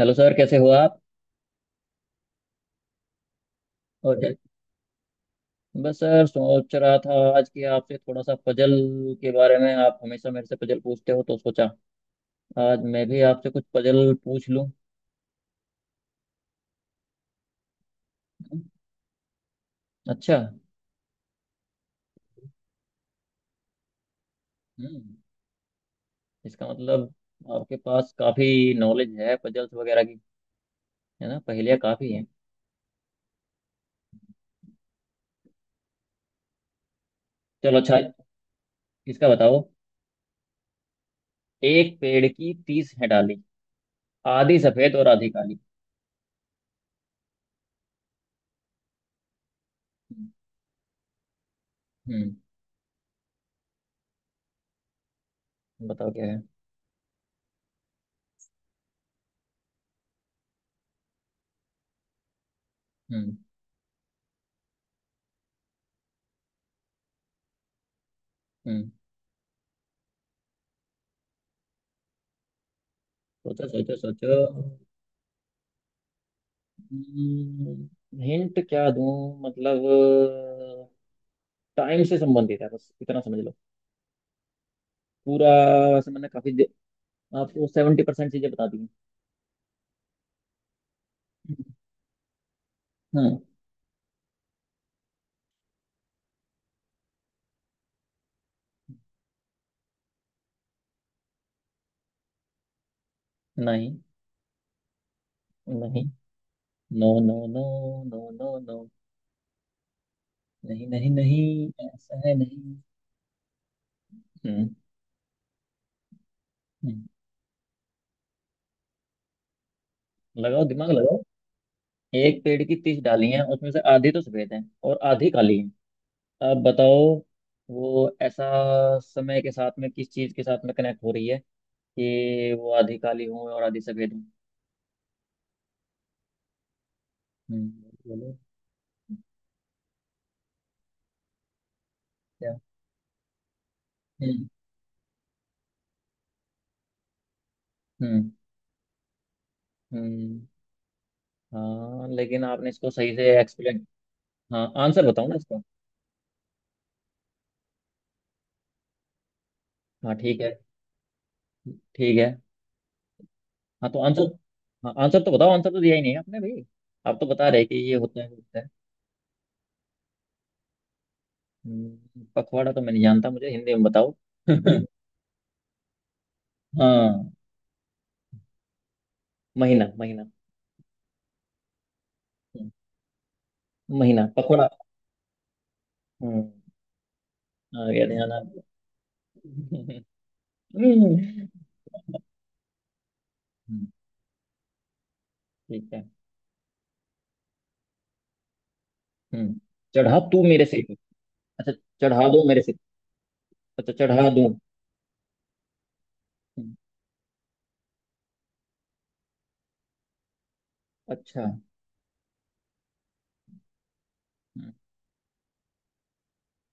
Hello sir, कैसे हो आप। और क्या। बस सर, सोच रहा था आज कि आपसे थोड़ा सा पजल के बारे में। आप हमेशा मेरे से पजल पूछते हो, तो सोचा आज मैं भी आपसे कुछ पजल पूछ लूं। अच्छा। हम्म। इसका मतलब आपके पास काफी नॉलेज है पजल्स वगैरह की, है ना? पहेलियां काफी हैं। चलो, अच्छा। इसका बताओ। एक पेड़ की 30 है डाली, आधी सफेद और आधी काली। हम्म। बताओ क्या है। हम्म। हम्म। सोचो, सोचो, सोचो। हिंट क्या दूं? मतलब, टाइम से संबंधित है, बस इतना समझ लो। पूरा। वैसे मैंने काफी आपको 70% चीजें बता दी हैं। हाँ। नहीं, नहीं। No, no, no. No, no, no. नहीं, नहीं, नहीं। ऐसा है नहीं। हम्म। नहीं। लगाओ, दिमाग लगाओ। एक पेड़ की तीस डाली हैं, उसमें से आधी तो सफेद है और आधी काली है। अब बताओ। वो ऐसा, समय के साथ में किस चीज के साथ में कनेक्ट हो रही है कि वो आधी काली हूँ और आधी सफेद हूँ। हम्म। बोलो क्या। हम्म। हम्म। हम्म, हाँ लेकिन आपने इसको सही से एक्सप्लेन। हाँ, आंसर बताओ ना इसका। हाँ, ठीक है। ठीक है। हाँ तो आंसर। हाँ, आंसर तो बताओ, आंसर तो दिया ही नहीं है आपने भाई। आप तो बता रहे कि ये होता है वो होता है। पखवाड़ा तो मैं नहीं जानता, मुझे हिंदी में बताओ। हाँ। महीना, महीना। हम्म, महीना, पखवाड़ा। हम्म, आ गया, ध्यान आ गया। हम्म, ठीक है। हम्म। चढ़ा तू मेरे से। अच्छा, चढ़ा दो मेरे सिर। अच्छा, चढ़ा दूं। हम्म, अच्छा। हम्म।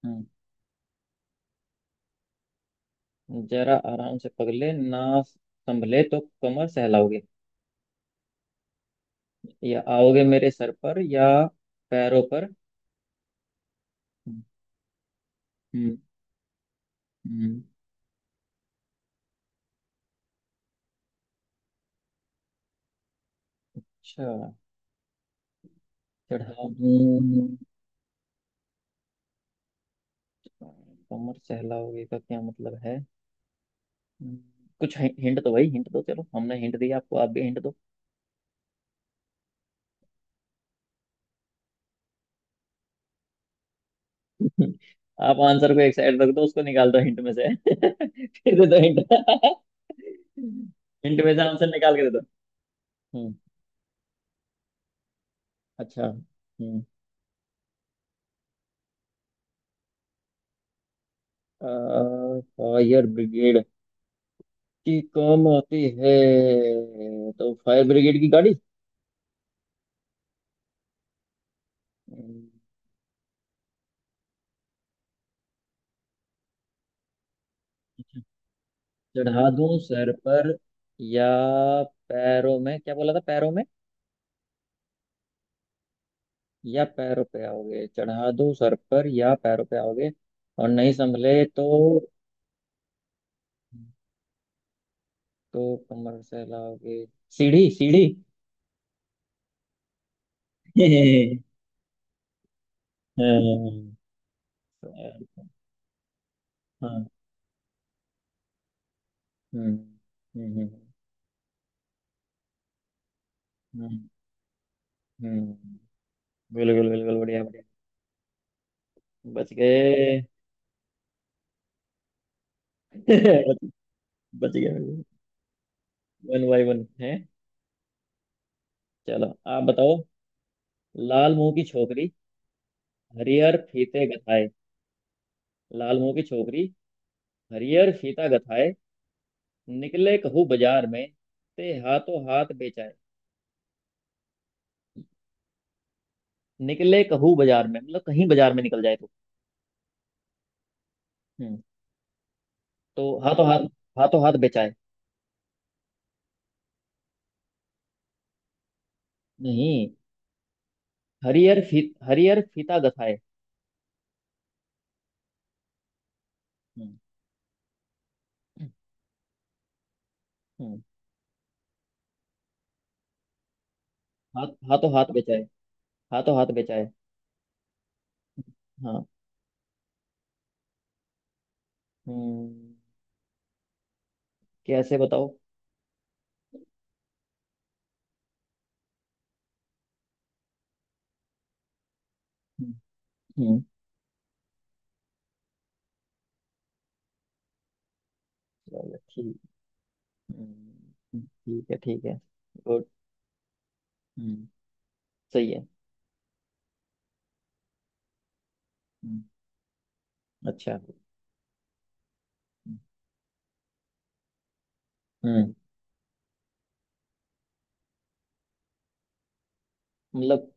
हम्म। जरा आराम से पगले, ना संभले तो कमर सहलाओगे। या आओगे मेरे सर पर या पैरों पर? हम्म। हम्म। अच्छा, चढ़ा दूं। कमर सहलाओगे का क्या मतलब है? हम्म। कुछ हिंट दो भाई, हिंट दो। चलो, हमने हिंट दिया आपको, आप भी हिंट दो। आप आंसर को एक साइड रख दो, उसको निकाल दो हिंट में से। फिर दे दो हिंट। हिंट में से आंसर निकाल के दे दो। हम्म। अच्छा। हम्म। फायर ब्रिगेड की काम आती है? तो फायर ब्रिगेड की गाड़ी। हम्म। चढ़ा दूं सर पर या पैरों में, क्या बोला था, पैरों में? या पैरों पे आओगे, चढ़ा दूं सर पर या पैरों पे आओगे, और नहीं संभले तो। तो कमर से लाओगे। सीढ़ी, सीढ़ी! हाँ। हाँ। हम्म। हम्म। हम्म। हम्म। हम्म, हम्म। बिल्कुल, बिल्कुल, बढ़िया, बढ़िया। बच गए। बच, बच गए। वन बाई वन है। चलो, आप बताओ। लाल मुंह की छोकरी, हरिहर फीते गथाए। लाल मुंह की छोकरी, हरिहर फीता गथाए, निकले कहूँ बाजार में, ते हाथों हाथ बेचाए। निकले कहूँ बाजार में मतलब कहीं बाजार में निकल जाए तो। हम्म। तो हाथों हाथ, हाथों हाथ बेचाए। नहीं। हरिहर फीता गथाए। हम्म। हम्म। हाथों हाथ बेचाए। हाथों हाथ बेचाए। हाँ। हम्म। कैसे बताओ। हम्म। हम्म। चलो ठीक। ठीक है, ठीक है। गुड। हम्म, सही है। हम्म। अच्छा। हम्म। मतलब,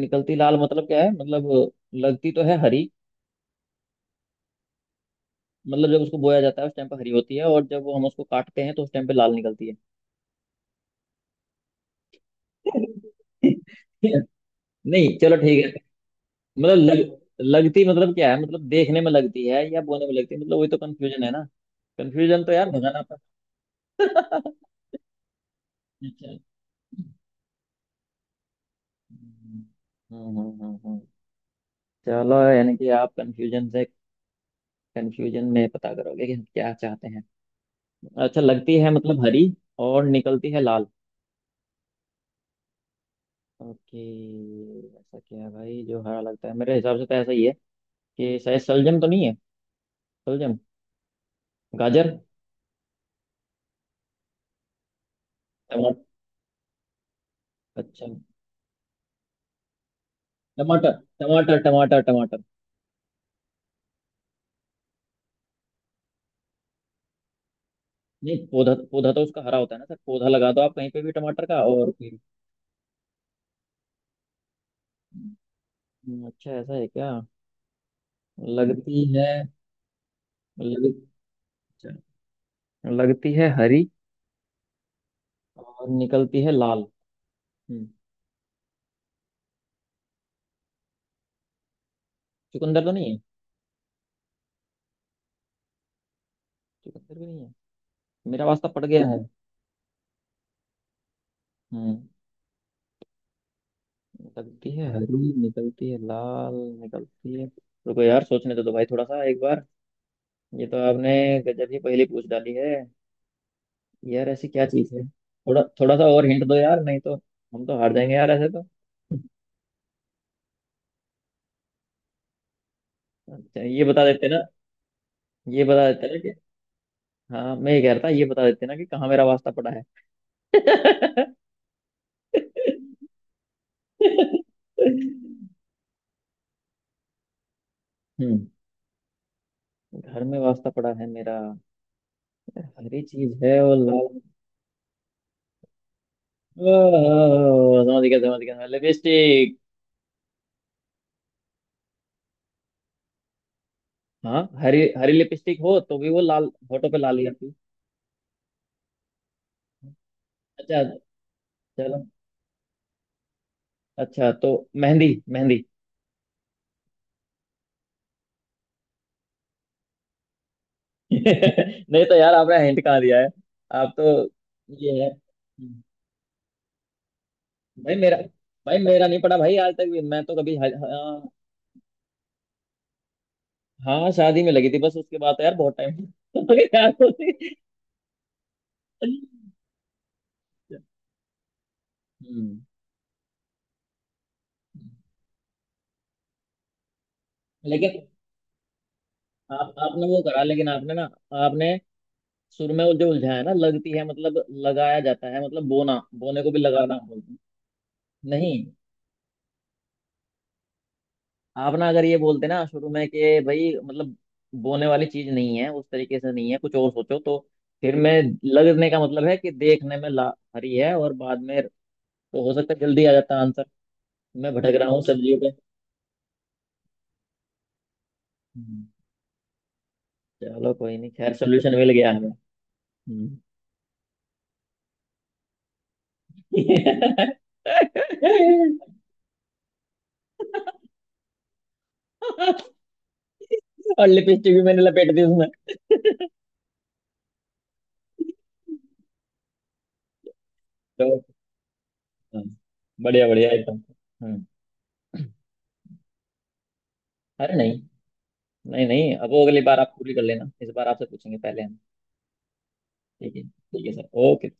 निकलती लाल मतलब क्या है, मतलब लगती तो है हरी, मतलब जब उसको बोया जाता है उस टाइम पर हरी होती है और जब वो हम उसको काटते हैं तो उस टाइम पे लाल निकलती है। नहीं, चलो ठीक है। मतलब लग लगती मतलब क्या है, मतलब देखने में लगती है या बोने में लगती है, मतलब वही तो कंफ्यूजन है ना। कंफ्यूजन तो यार भगाना पड़ता। अच्छा। हम्म। हम्म। हम्म। हम्म। चलो, यानी कि आप कंफ्यूजन से कंफ्यूजन में पता करोगे कि हम क्या चाहते हैं। अच्छा, लगती है मतलब हरी और निकलती है लाल। ओके। ऐसा क्या है भाई जो हरा लगता है? मेरे हिसाब से तो ऐसा ही है कि शायद सलजम तो नहीं है। सलजम? गाजर? टमाटर? अच्छा। टमाटर, टमाटर, टमाटर, टमाटर। नहीं, पौधा, पौधा तो उसका हरा होता है ना सर, पौधा लगा दो आप कहीं पे भी टमाटर का, और फिर। अच्छा ऐसा है क्या? लगती है। लग, अच्छा, लगती है हरी और निकलती है लाल। हम्म। चुकंदर तो नहीं है? चुकंदर भी नहीं है। मेरा वास्ता पड़ गया है। हम्म। निकलती है हरी, निकलती है लाल, निकलती है। रुको यार, सोचने तो दो भाई थोड़ा सा एक बार। ये तो आपने गजब ही पहले पूछ डाली है। यार ऐसी क्या चीज है? थोड़ा, थोड़ा सा और हिंट दो यार, नहीं तो हम तो हार जाएंगे यार ऐसे तो। अच्छा, ये बता देते ना। ये बता देते ना कि। हाँ, मैं ये कह रहा था, ये बता देते ना कि कहाँ मेरा वास्ता पड़ा है। हम्म। घर में वास्ता पड़ा है मेरा? हरी चीज है और लाल। ओह, समझ गया, समझ गया, लिपस्टिक! हाँ, हरी, हरी लिपस्टिक हो तो भी वो लाल, होठों पे लाल ही आती। अच्छा। चलो, अच्छा तो मेहंदी, मेहंदी! नहीं तो यार, आपने हिंट कहाँ दिया है, आप तो ये है। भाई मेरा भाई मेरा नहीं पड़ा भाई, आज तक भी मैं तो कभी हाँ। हाँ, शादी में लगी थी, बस उसके बाद तो यार बहुत टाइम हो गया यार। हम्म। लेकिन आप आपने वो करा, लेकिन आपने सुर में वो जो उलझाया ना, लगती है मतलब लगाया जाता है मतलब बोना, बोने को भी लगाना बोलते हैं। नहीं, आप ना अगर ये बोलते ना शुरू में कि भाई मतलब बोने वाली चीज नहीं है उस तरीके से नहीं है, कुछ और सोचो तो फिर मैं। लगने का मतलब है कि देखने में ला हरी है और बाद में, तो हो सकता है जल्दी आ जाता आंसर। मैं भटक रहा हूँ सब्जियों पे। हम्म, चलो कोई नहीं, खैर सोल्यूशन मिल गया हमें। हम्म। और लिपस्टिक भी मैंने लपेट दी उसमें। हाँ, बढ़िया, बढ़िया एकदम। हम्म। अरे नहीं, नहीं, नहीं, अब वो अगली बार आप पूरी कर लेना, इस बार आपसे पूछेंगे पहले हम। ठीक है, ठीक है सर, ओके।